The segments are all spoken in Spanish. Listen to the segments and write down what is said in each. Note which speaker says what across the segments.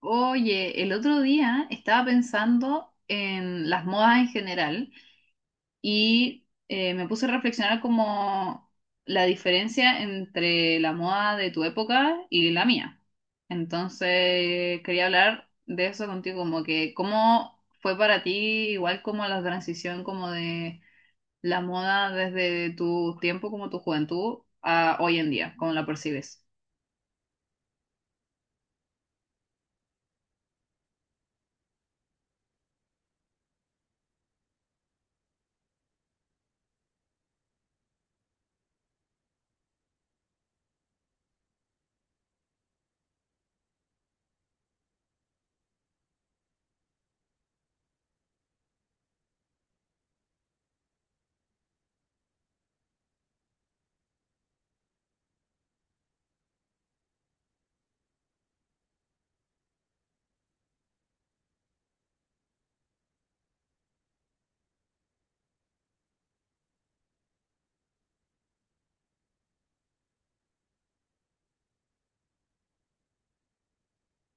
Speaker 1: Oye, el otro día estaba pensando en las modas en general y me puse a reflexionar como la diferencia entre la moda de tu época y la mía. Entonces, quería hablar de eso contigo, como que cómo fue para ti, igual como la transición como de la moda desde tu tiempo como tu juventud a hoy en día, cómo la percibes.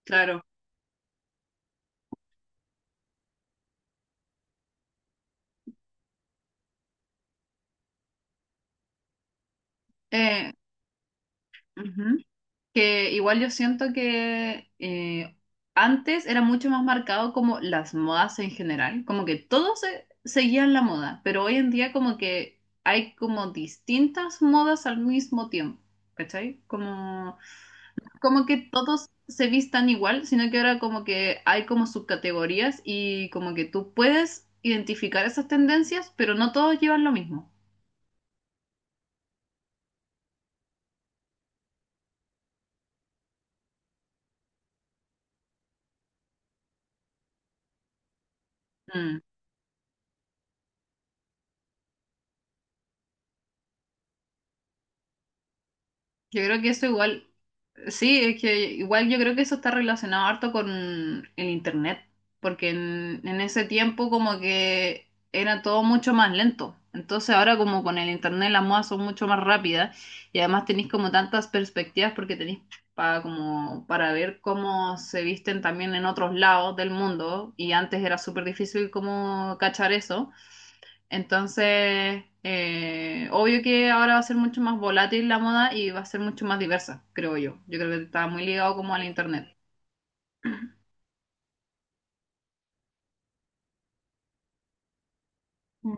Speaker 1: Claro. Eh, Ujú. Que igual yo siento que antes era mucho más marcado como las modas en general, como que todos seguían la moda, pero hoy en día como que hay como distintas modas al mismo tiempo, ¿cachai? Como que todos se vistan igual, sino que ahora como que hay como subcategorías y como que tú puedes identificar esas tendencias, pero no todos llevan lo mismo. Mm. Yo creo que eso igual. Sí, es que igual yo creo que eso está relacionado harto con el internet, porque en ese tiempo como que era todo mucho más lento. Entonces ahora como con el internet las modas son mucho más rápidas y además tenéis como tantas perspectivas porque tenéis para como para ver cómo se visten también en otros lados del mundo y antes era súper difícil como cachar eso. Entonces, obvio que ahora va a ser mucho más volátil la moda y va a ser mucho más diversa, creo yo. Yo creo que está muy ligado como al internet. Mm.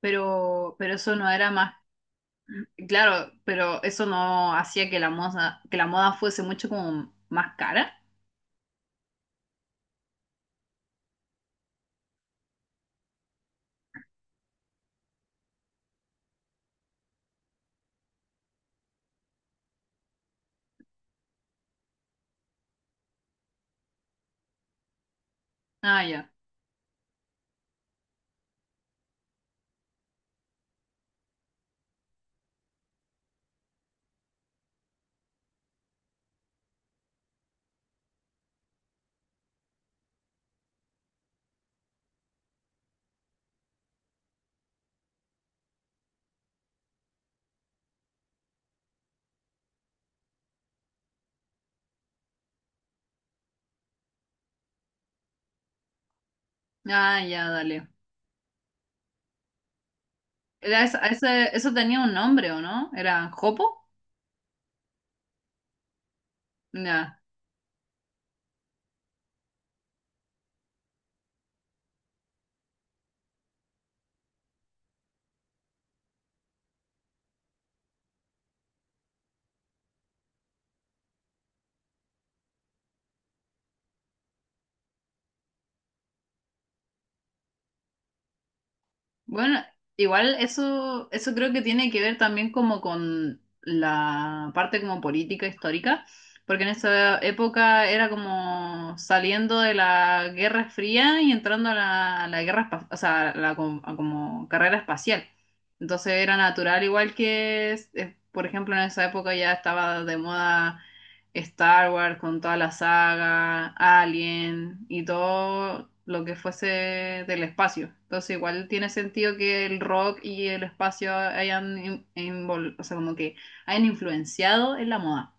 Speaker 1: Pero eso no era más. Claro, pero eso no hacía que la moda fuese mucho como más cara. Ah, ya. Ah, ya, dale. Era eso tenía un nombre, ¿o no? ¿Era jopo? Ya. Bueno, igual eso creo que tiene que ver también como con la parte como política histórica, porque en esa época era como saliendo de la Guerra Fría y entrando a la guerra, o sea, a como carrera espacial. Entonces era natural, igual que, por ejemplo, en esa época ya estaba de moda Star Wars con toda la saga, Alien y todo lo que fuese del espacio. Entonces igual tiene sentido que el rock y el espacio hayan, o sea, como que hayan influenciado en la moda.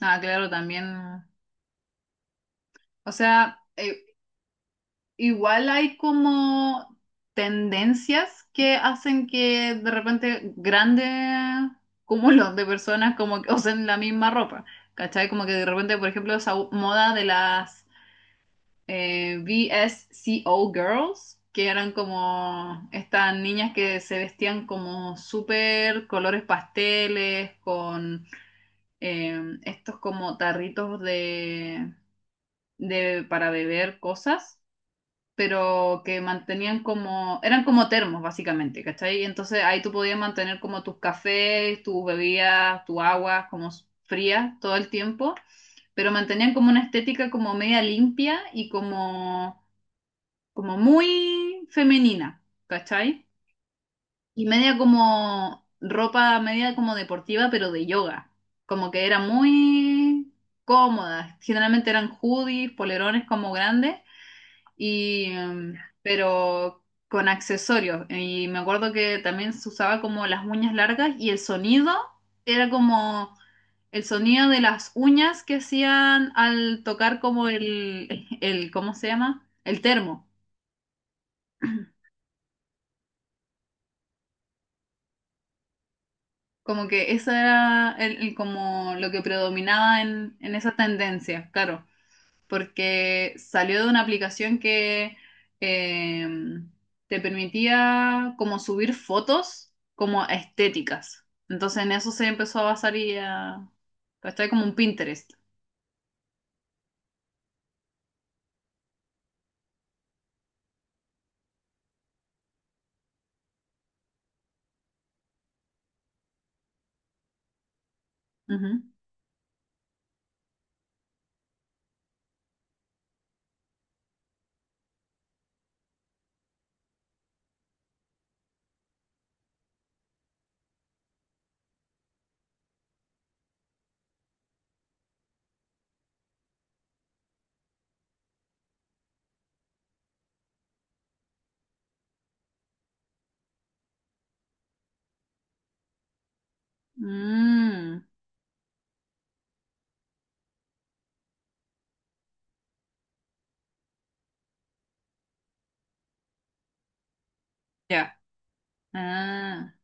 Speaker 1: Ah, claro, también. O sea, igual hay como tendencias que hacen que de repente grandes cúmulos de personas como que usen la misma ropa. ¿Cachai? Como que de repente, por ejemplo, esa moda de las VSCO Girls, que eran como estas niñas que se vestían como súper colores pasteles, con estos como tarritos de para beber cosas, pero que mantenían como, eran como termos básicamente, ¿cachai? Entonces ahí tú podías mantener como tus cafés, tus bebidas, tu agua como frías todo el tiempo. Pero mantenían como una estética como media limpia y como muy femenina, ¿cachai? Y media como ropa, media como deportiva, pero de yoga. Como que era muy cómoda. Generalmente eran hoodies, polerones como grandes, y, pero con accesorios. Y me acuerdo que también se usaba como las uñas largas y el sonido era como el sonido de las uñas que hacían al tocar como ¿cómo se llama? El termo. Como que eso era como lo que predominaba en esa tendencia, claro, porque salió de una aplicación que eh, te permitía como subir fotos como estéticas. Entonces en eso se empezó a basar y a... ¿Cachai? Como un Pinterest. Ujú. Mm, ya. Ah.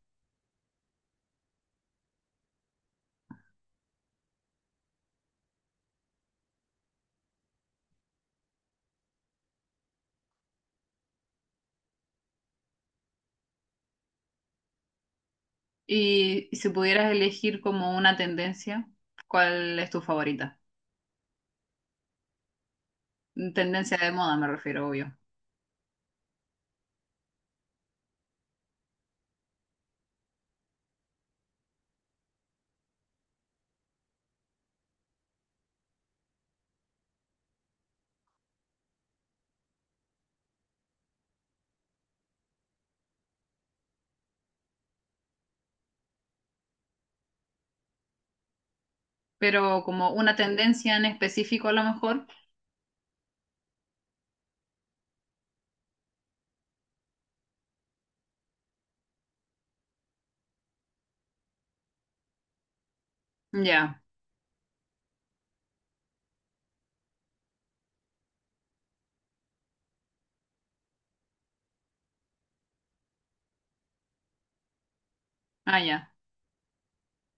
Speaker 1: Y si pudieras elegir como una tendencia, ¿cuál es tu favorita? Tendencia de moda me refiero, obvio. Pero como una tendencia en específico a lo mejor, ya, ah, ya.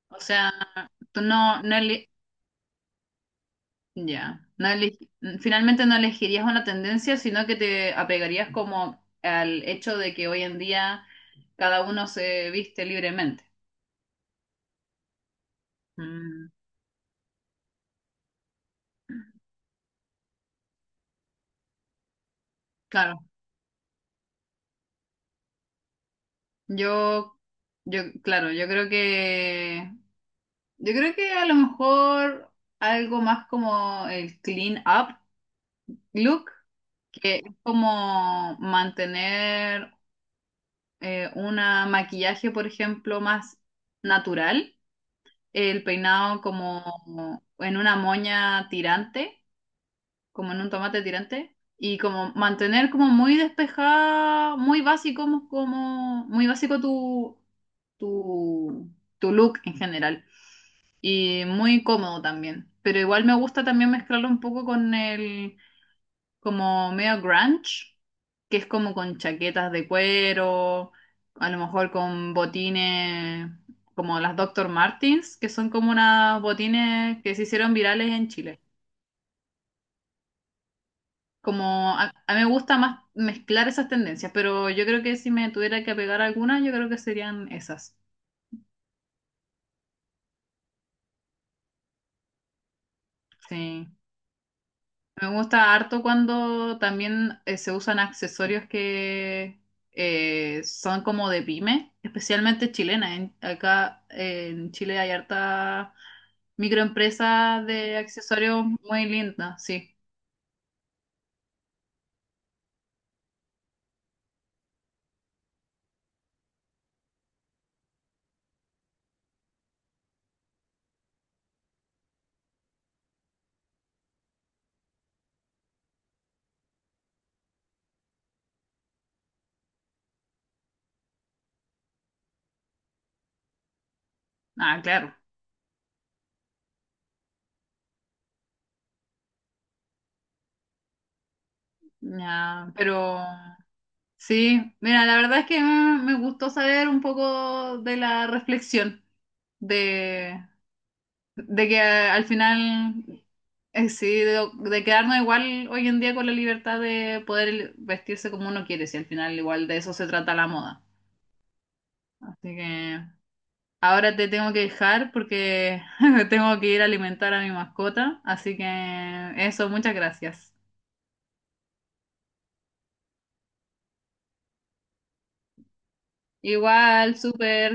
Speaker 1: O sea, tú ya, no eleg- finalmente no elegirías una tendencia, sino que te apegarías como al hecho de que hoy en día cada uno se viste libremente. Mm, claro, yo, claro, yo creo que a lo mejor algo más como el clean up look, que es como mantener una maquillaje, por ejemplo, más natural, el peinado como en una moña tirante, como en un tomate tirante, y como mantener como muy despejada, muy básico, como, muy básico tu, tu look en general, y muy cómodo también. Pero igual me gusta también mezclarlo un poco con el como medio grunge, que es como con chaquetas de cuero, a lo mejor con botines como las doctor Martens, que son como unas botines que se hicieron virales en Chile. Como a mí me gusta más mezclar esas tendencias, pero yo creo que si me tuviera que pegar algunas, yo creo que serían esas. Sí. Me gusta harto cuando también se usan accesorios que son como de pyme, especialmente chilena. Acá en Chile hay harta microempresa de accesorios muy linda, sí. Ah, claro. Ya, pero sí, mira, la verdad es que me gustó saber un poco de la reflexión de, de que al final. Sí, de quedarnos igual hoy en día con la libertad de poder vestirse como uno quiere, si al final igual de eso se trata la moda. Así que ahora te tengo que dejar porque tengo que ir a alimentar a mi mascota, así que eso, muchas gracias. Igual, súper.